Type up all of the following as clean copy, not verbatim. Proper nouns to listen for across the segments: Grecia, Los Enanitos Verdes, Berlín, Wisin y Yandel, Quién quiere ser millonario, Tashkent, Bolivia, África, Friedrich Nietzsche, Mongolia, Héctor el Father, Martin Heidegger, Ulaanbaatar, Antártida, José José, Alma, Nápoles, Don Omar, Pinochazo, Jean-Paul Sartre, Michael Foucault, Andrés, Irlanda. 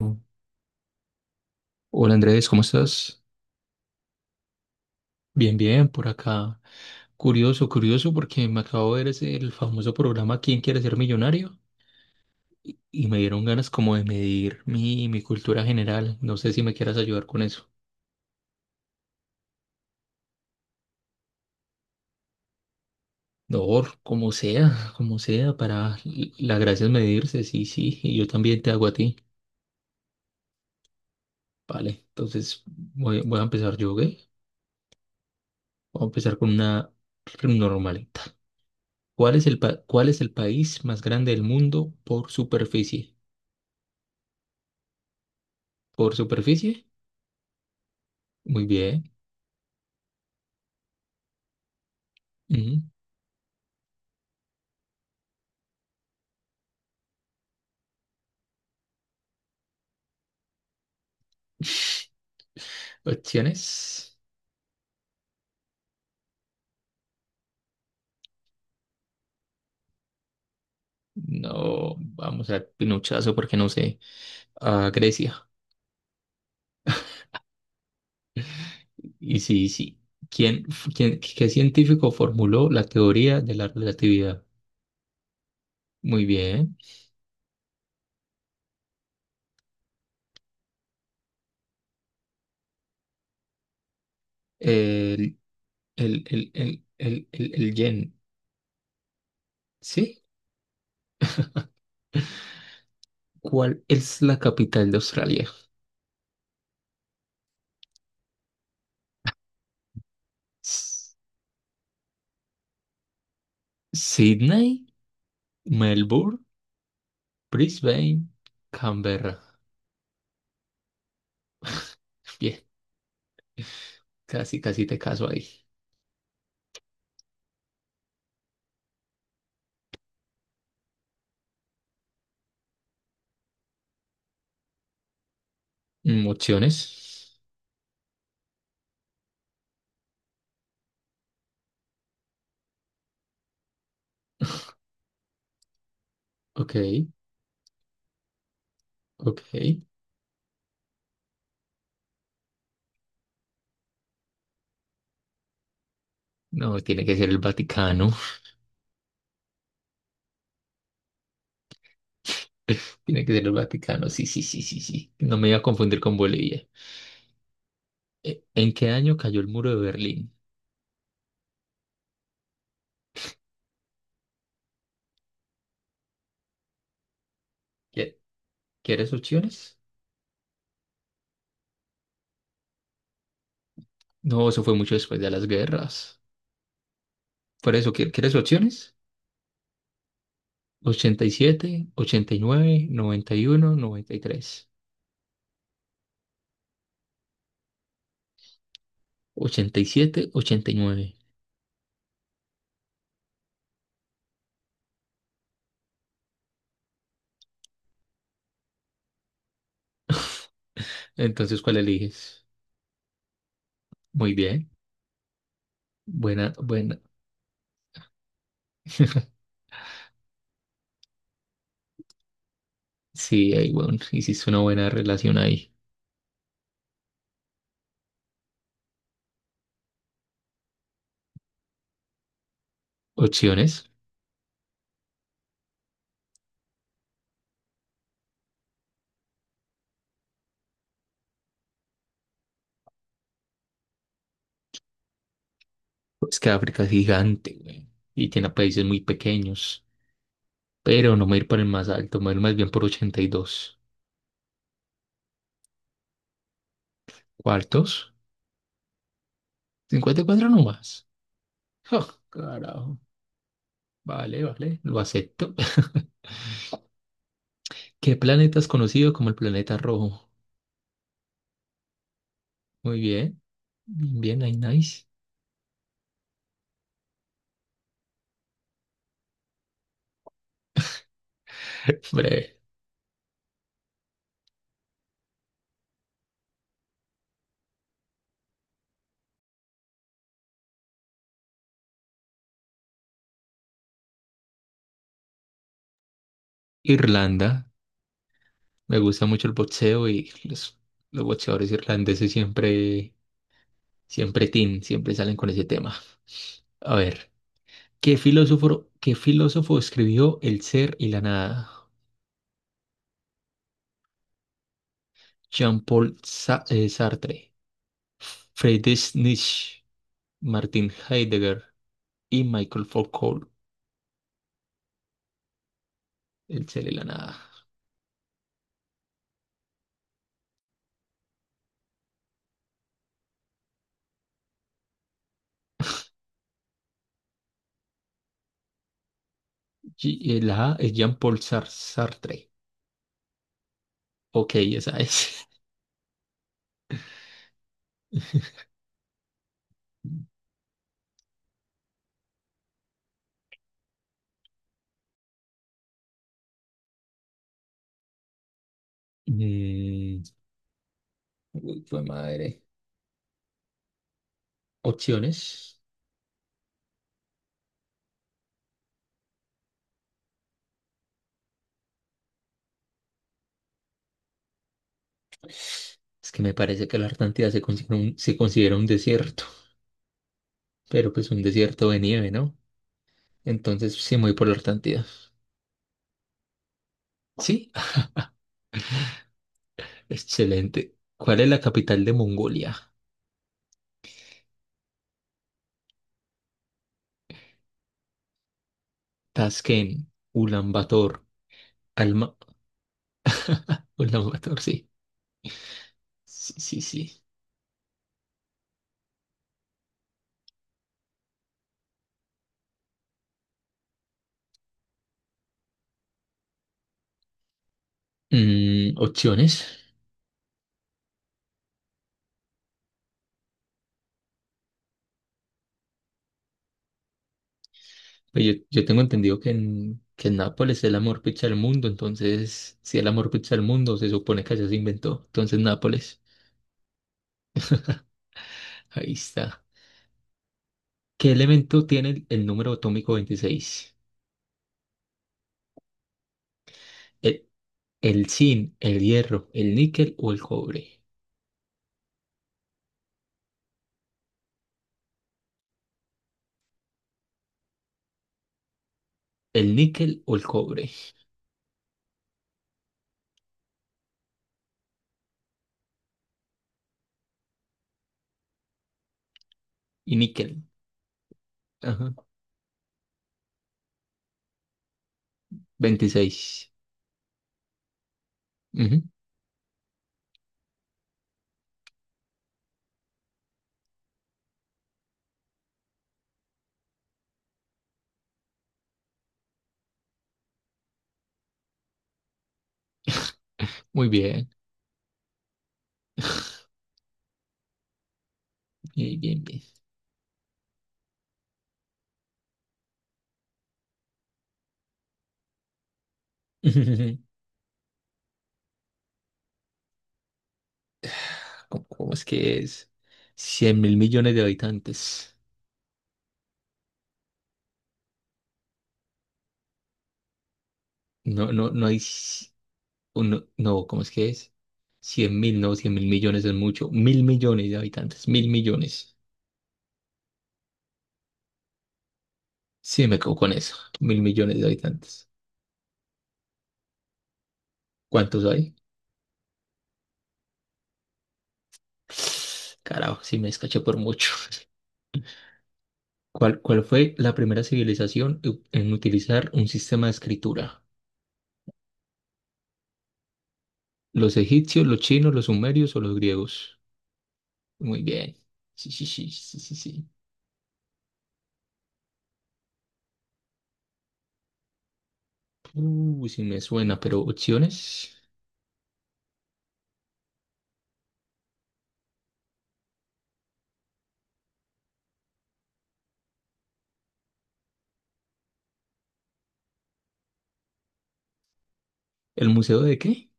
Oh, hola Andrés, ¿cómo estás? Bien, bien, por acá. Curioso, curioso, porque me acabo de ver ese, el famoso programa ¿Quién quiere ser millonario? Y me dieron ganas como de medir mi cultura general. No sé si me quieras ayudar con eso. No, como sea, para la gracia es medirse, sí, sí, y yo también te hago a ti. Vale, entonces voy a empezar yo, ¿ok? Voy a empezar con una normalita. Cuál es el país más grande del mundo por superficie? ¿Por superficie? Muy bien. Ujú. Opciones. No, vamos a Pinochazo porque no sé. A Grecia. Y sí, sí. ¿Quién, qué científico formuló la teoría de la relatividad? Muy bien. El, el yen. ¿Sí? ¿Cuál es la capital de Australia? S- Sydney, Melbourne, Brisbane, Canberra. Bien, casi, casi te caso ahí. Mm, opciones. Ok, ok. No, tiene que ser el Vaticano. Tiene que ser el Vaticano. Sí, sí, sí, sí, sí. No me iba a confundir con Bolivia. ¿En qué año cayó el muro de Berlín? ¿Qui- ¿Quieres opciones? No, eso fue mucho después de las guerras. Por eso, ¿quieres opciones? Ochenta y siete, nueve, noventa uno, 93, 87, 89. Entonces, ¿cuál eliges? Muy bien. Buena, buena. Sí, ahí, bueno, hiciste una buena relación ahí. Opciones. Es que África es gigante, güey, y tiene países muy pequeños. Pero no me voy a ir por el más alto, me voy a ir más bien por 82. ¿Cuartos? 54 nomás. Oh, carajo. Vale, vale, lo acepto. ¿Qué planeta es conocido como el planeta rojo? Muy bien, bien, ahí, nice. Breve. Irlanda. Me gusta mucho el boxeo y los boxeadores irlandeses siempre salen con ese tema. A ver, ¿qué filósofo escribió El ser y la nada? Jean-Paul Sartre, Friedrich Nietzsche, Martin Heidegger y Michael Foucault. El ser y la nada. La A es Jean-Paul Sartre. Ok, esa es. Mm, uy, fue madre. Opciones. Es que me parece que la Antártida se considera un desierto, pero pues un desierto de nieve, ¿no? Entonces sí me voy por la Antártida. ¿Sí? Excelente. ¿Cuál es la capital de Mongolia? Tashkent, Ulaanbaatar, Alma... Ulaanbaatar, sí. Sí, sí, sí. Mm, opciones. Pues yo tengo entendido que en Nápoles es el amor pizza del mundo, entonces, si es la mejor pizza del mundo, se supone que allá se inventó. Entonces, Nápoles, ahí está. ¿Qué elemento tiene el número atómico 26? ¿El, el zinc, el hierro, el níquel o el cobre? El níquel o el cobre. Y níquel. Ajá. 26. Ujú. Muy bien, bien, bien, bien. ¿Cómo es que es? 100.000.000.000 de habitantes. No, no, no hay... no, no, ¿cómo es que es? Cien mil, no, 100.000.000.000 es mucho. 1.000.000.000 de habitantes, 1.000.000.000. Sí, me quedo con eso. 1.000.000.000 de habitantes. ¿Cuántos hay? Carajo, sí me escaché por mucho. ¿Cuál, cuál fue la primera civilización en utilizar un sistema de escritura? ¿Los egipcios, los chinos, los sumerios o los griegos? Muy bien. Sí, sí, sí, sí, sí, sí. Sí me suena, pero opciones. ¿El museo de qué?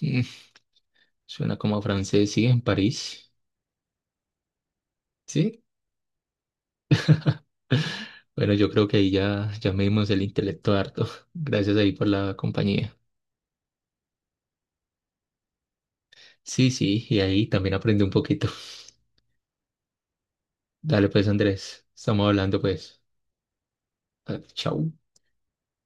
Mm, suena como a francés, sí, en París. Sí. Bueno, yo creo que ahí ya, ya me dimos el intelecto harto. Gracias ahí por la compañía. Sí, sí, y ahí también aprendí un poquito. Dale pues, Andrés. Estamos hablando pues. Ah, chau.